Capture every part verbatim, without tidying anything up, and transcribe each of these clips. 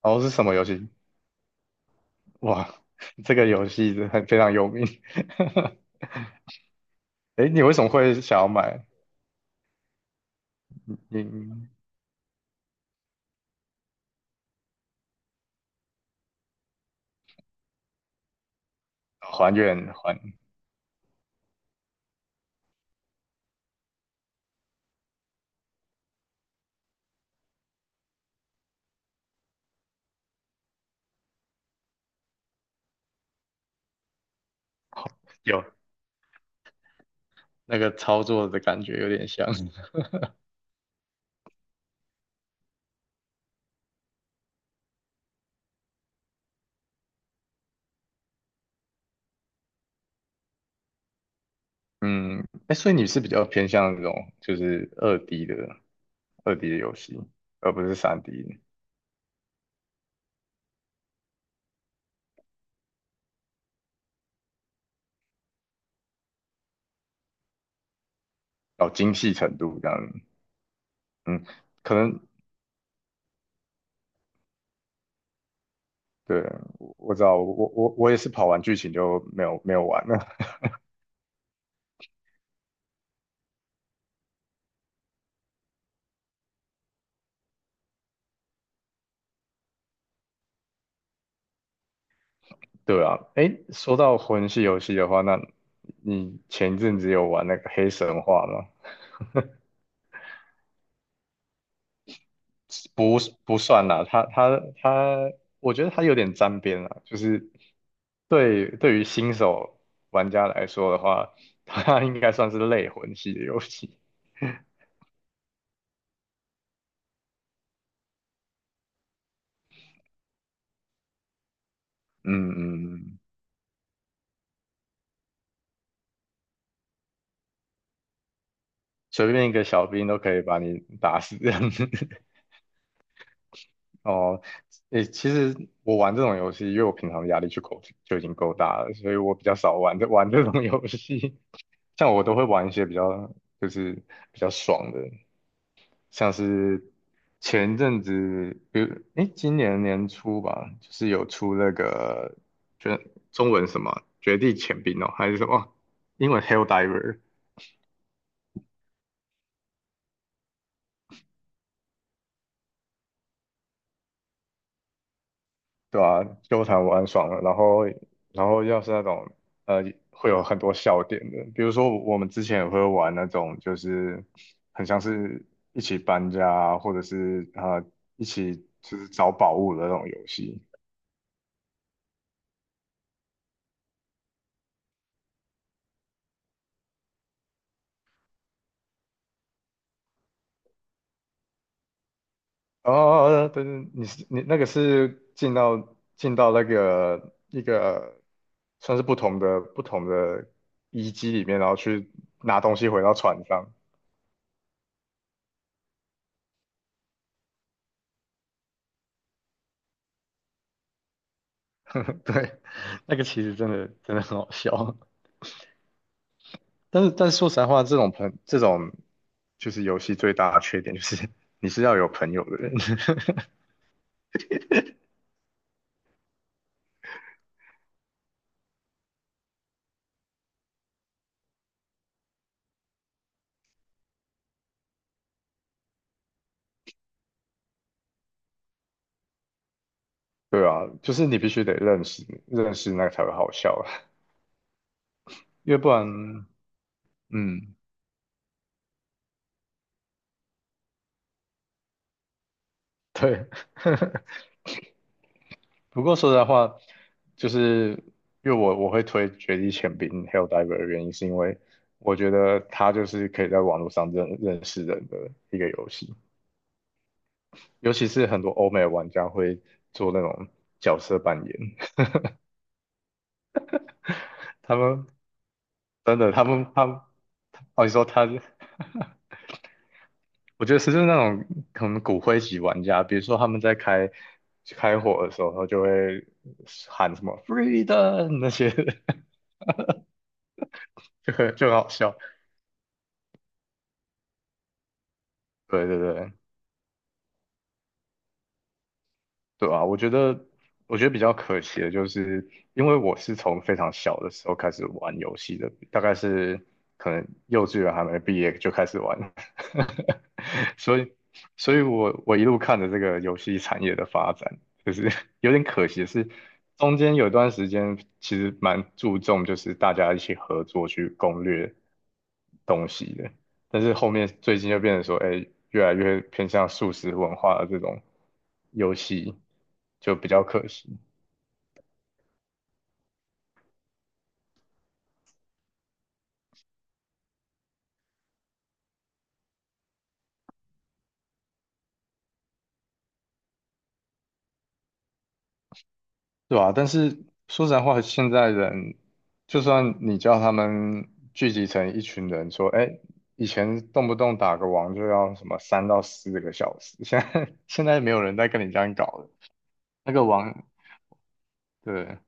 哦，是什么游戏？哇，这个游戏是很非常有名。哎你为什么会想要买？你哦还原还有那个操作的感觉有点像。嗯，哎，所以你是比较偏向那种就是二 D 的二 D 的游戏，而不是三 D 的，哦，精细程度这样。嗯，可能对，我我知道，我我我也是跑完剧情就没有没有玩了。对啊，诶，说到魂系游戏的话，那你前一阵子有玩那个黑神话吗？不不算啦，它它它，我觉得它有点沾边啦，就是对对于新手玩家来说的话，它应该算是类魂系的游戏。嗯嗯，嗯嗯随便一个小兵都可以把你打死这样子。哦，诶，其实我玩这种游戏，因为我平常的压力就够就已经够大了，所以我比较少玩这 玩这种游戏。像我都会玩一些比较就是比较爽的，像是前一阵子，比如诶，今年年初吧，就是有出那个，就中文什么《绝地潜兵》哦，还是什么英文《Hell Diver》,对啊，纠缠玩很爽了。然后，然后要是那种呃，会有很多笑点的，比如说我们之前也会玩那种，就是很像是一起搬家啊或者是啊，一起就是找宝物的那种游戏。哦，对对，你是你那个是进到进到那个一个算是不同的不同的遗迹里面，然后去拿东西回到船上。对，那个其实真的真的很好笑。但是但是说实在话，这种朋这种就是游戏最大的缺点就是 你是要有朋友的人，对啊，就是你必须得认识认识那个才会好笑啊，因为不然，嗯，对。不过说实在话，就是因为我我会推《绝地潜兵》Helldiver 的原因，是因为我觉得它就是可以在网络上认认识人的一个游戏，尤其是很多欧美玩家会做那种角色扮演，他们真的，他们他们哦，你说他，我觉得是就是那种可能骨灰级玩家，比如说他们在开开火的时候，他就会喊什么 "freedom" 那些，就很就很好笑。对对对，对啊，我觉得，我觉得比较可惜的就是，因为我是从非常小的时候开始玩游戏的，大概是可能幼稚园还没毕业就开始玩，所以，所以我我一路看着这个游戏产业的发展，就是 有点可惜的是，中间有段时间其实蛮注重就是大家一起合作去攻略东西的，但是后面最近就变成说，哎，越来越偏向速食文化的这种。游戏，就比较可惜，对吧？但是说实在话，现在人就算你叫他们聚集成一群人，说，哎，以前动不动打个王就要什么三到四个小时，现在 现在没有人在跟你这样搞了。那个王，对，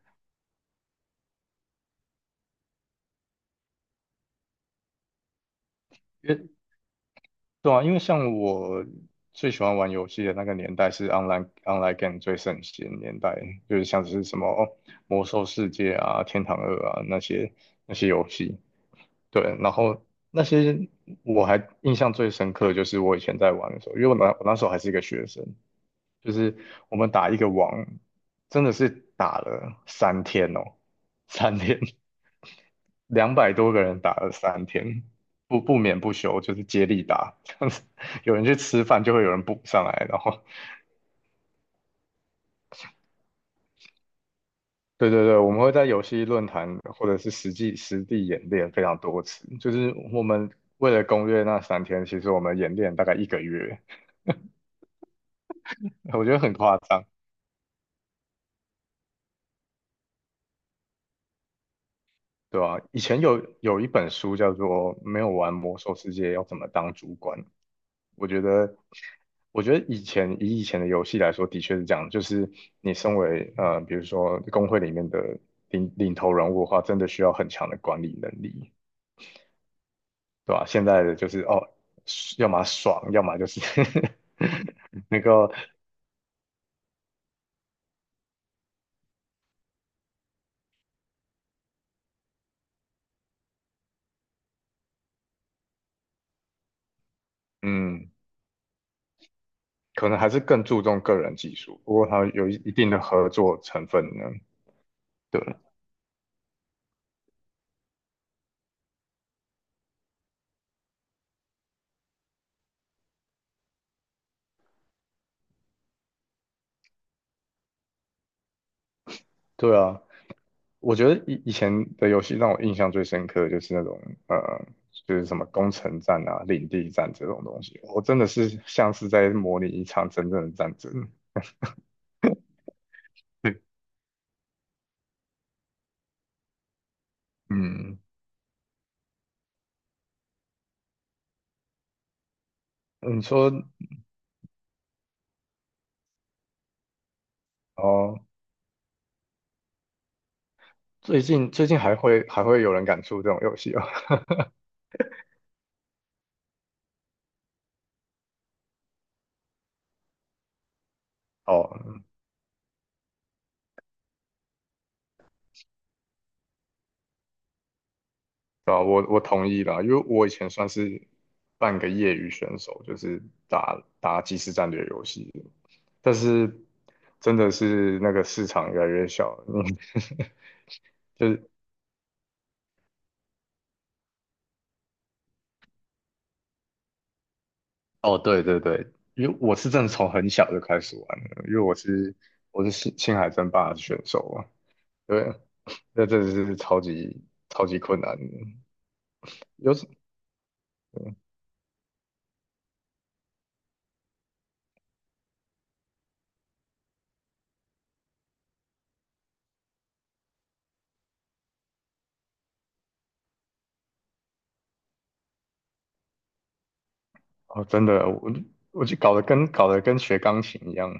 因为对啊，因为像我最喜欢玩游戏的那个年代是 online online game 最盛行的年代，就是像是什么哦魔兽世界啊、天堂二啊那些那些游戏。对，然后那些我还印象最深刻的就是我以前在玩的时候，因为我那我那时候还是一个学生，就是我们打一个网，真的是打了三天哦，三天，两百多个人打了三天，不不眠不休，就是接力打，这样子，有人去吃饭就会有人补上来，然后对对对，我们会在游戏论坛或者是实际实地演练非常多次，就是我们为了攻略那三天，其实我们演练大概一个月。我觉得很夸张，对吧、以前有有一本书叫做《没有玩魔兽世界要怎么当主管》，我觉得，我觉得以前以以前的游戏来说，的确是这样，就是你身为呃，比如说工会里面的领领头人物的话，真的需要很强的管理能力，对吧、现在的就是哦，要么爽，要么就是 那个嗯，可能还是更注重个人技术，不过它有一一定的合作成分呢，对。对啊，我觉得以以前的游戏让我印象最深刻的就是那种呃，就是什么攻城战啊、领地战这种东西，我真的是像是在模拟一场真正的战争。对，嗯，你说哦，最近最近还会还会有人敢出这种游戏哦？哦，对啊，我我同意啦，因为我以前算是半个业余选手，就是打打即时战略游戏，但是真的是那个市场越来越小了嗯 就是哦，对对对，因为我是真的从很小就开始玩了，因为我是我是青青海争霸的选手嘛，对，那真的是超级超级困难的，有哦真的我就我就搞得跟搞得跟学钢琴一样，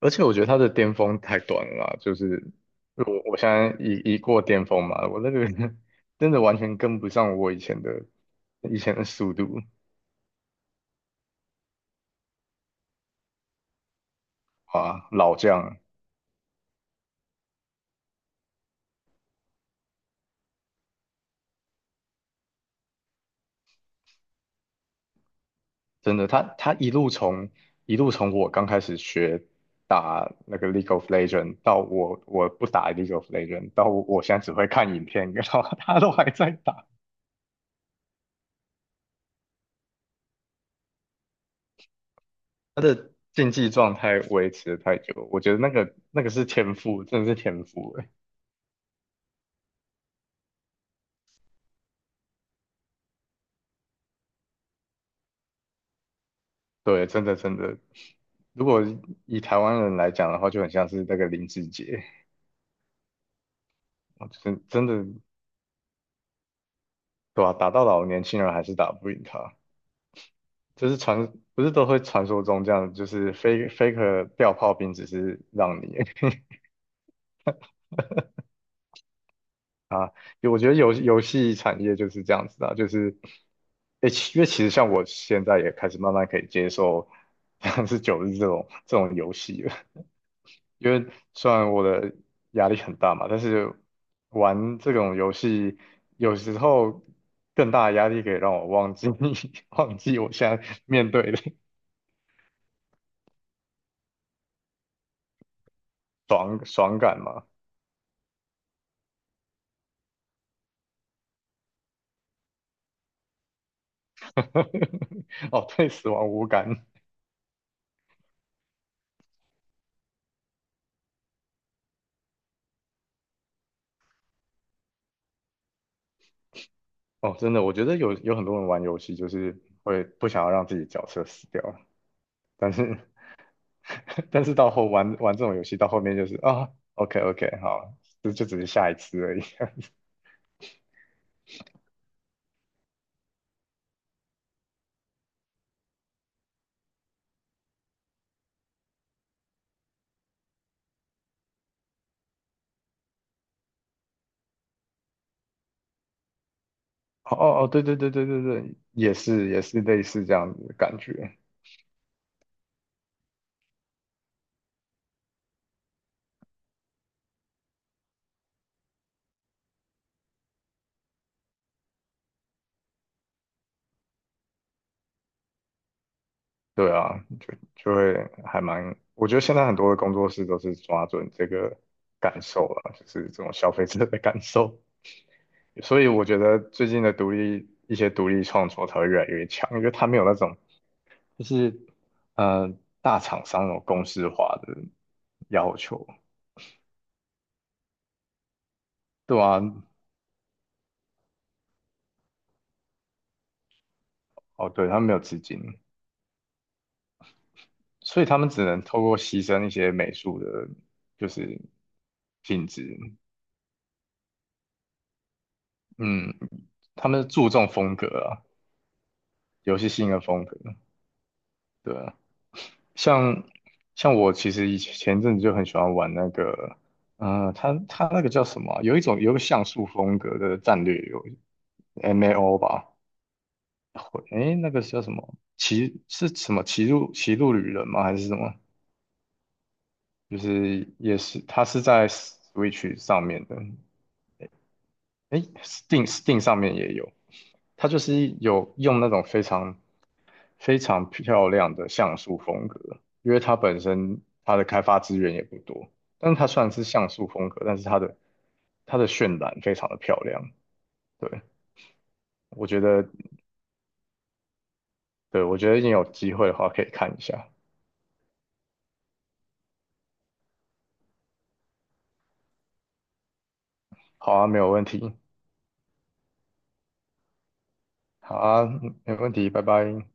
而且我觉得他的巅峰太短了啦就是我我现在一一过巅峰嘛，我那个 真的完全跟不上我以前的以前的速度啊，老将真的他他一路从一路从我刚开始学打那个 League of Legend 到我我不打 League of Legend 到我我现在只会看影片，然后他都还在打，他的竞技状态维持得太久，我觉得那个那个是天赋，真的是天赋欸对，真的真的，如果以台湾人来讲的话，就很像是那个林志杰，我真真的对吧、打到老，年轻人还是打不赢他。就是传，不是都会传说中这样，就是 fake faker 掉炮兵，只是让你 啊，我觉得游游戏产业就是这样子的，就是，诶、其因为其实像我现在也开始慢慢可以接受 像是九日这种这种游戏了。因为虽然我的压力很大嘛，但是玩这种游戏有时候更大的压力可以让我忘记 忘记我现在面对的爽爽感嘛。哦，对死亡无感。哦，真的，我觉得有有很多人玩游戏就是会不想要让自己角色死掉，但是 但是到后玩玩这种游戏到后面就是啊，OK OK,好，这就只是下一次而已。哦哦哦，对对对对对对，也是也是类似这样子的感觉，对啊，就就会还蛮，我觉得现在很多的工作室都是抓准这个感受了，就是这种消费者的感受，所以我觉得最近的独立一些独立创作才会越来越强，因为它没有那种就是呃大厂商那种公式化的要求，对啊，哦对，它没有资金，所以他们只能透过牺牲一些美术的，就是品质，嗯，他们注重风格啊，游戏性的风格，对啊，像像我其实以前前阵子就很喜欢玩那个，嗯、呃，它它那个叫什么啊有一种有一个像素风格的战略游 M A O 吧，会，诶，那个叫什么骑是什么骑路骑路旅人吗？还是什么？就是也是它是在 Switch 上面的。哎，Steam Steam 上面也有，它就是有用那种非常非常漂亮的像素风格，因为它本身它的开发资源也不多，但是它虽然是像素风格，但是它的它的渲染非常的漂亮。对，我觉得，对，我觉得你有机会的话可以看一下。好啊，没有问题。好啊，没问题，拜拜。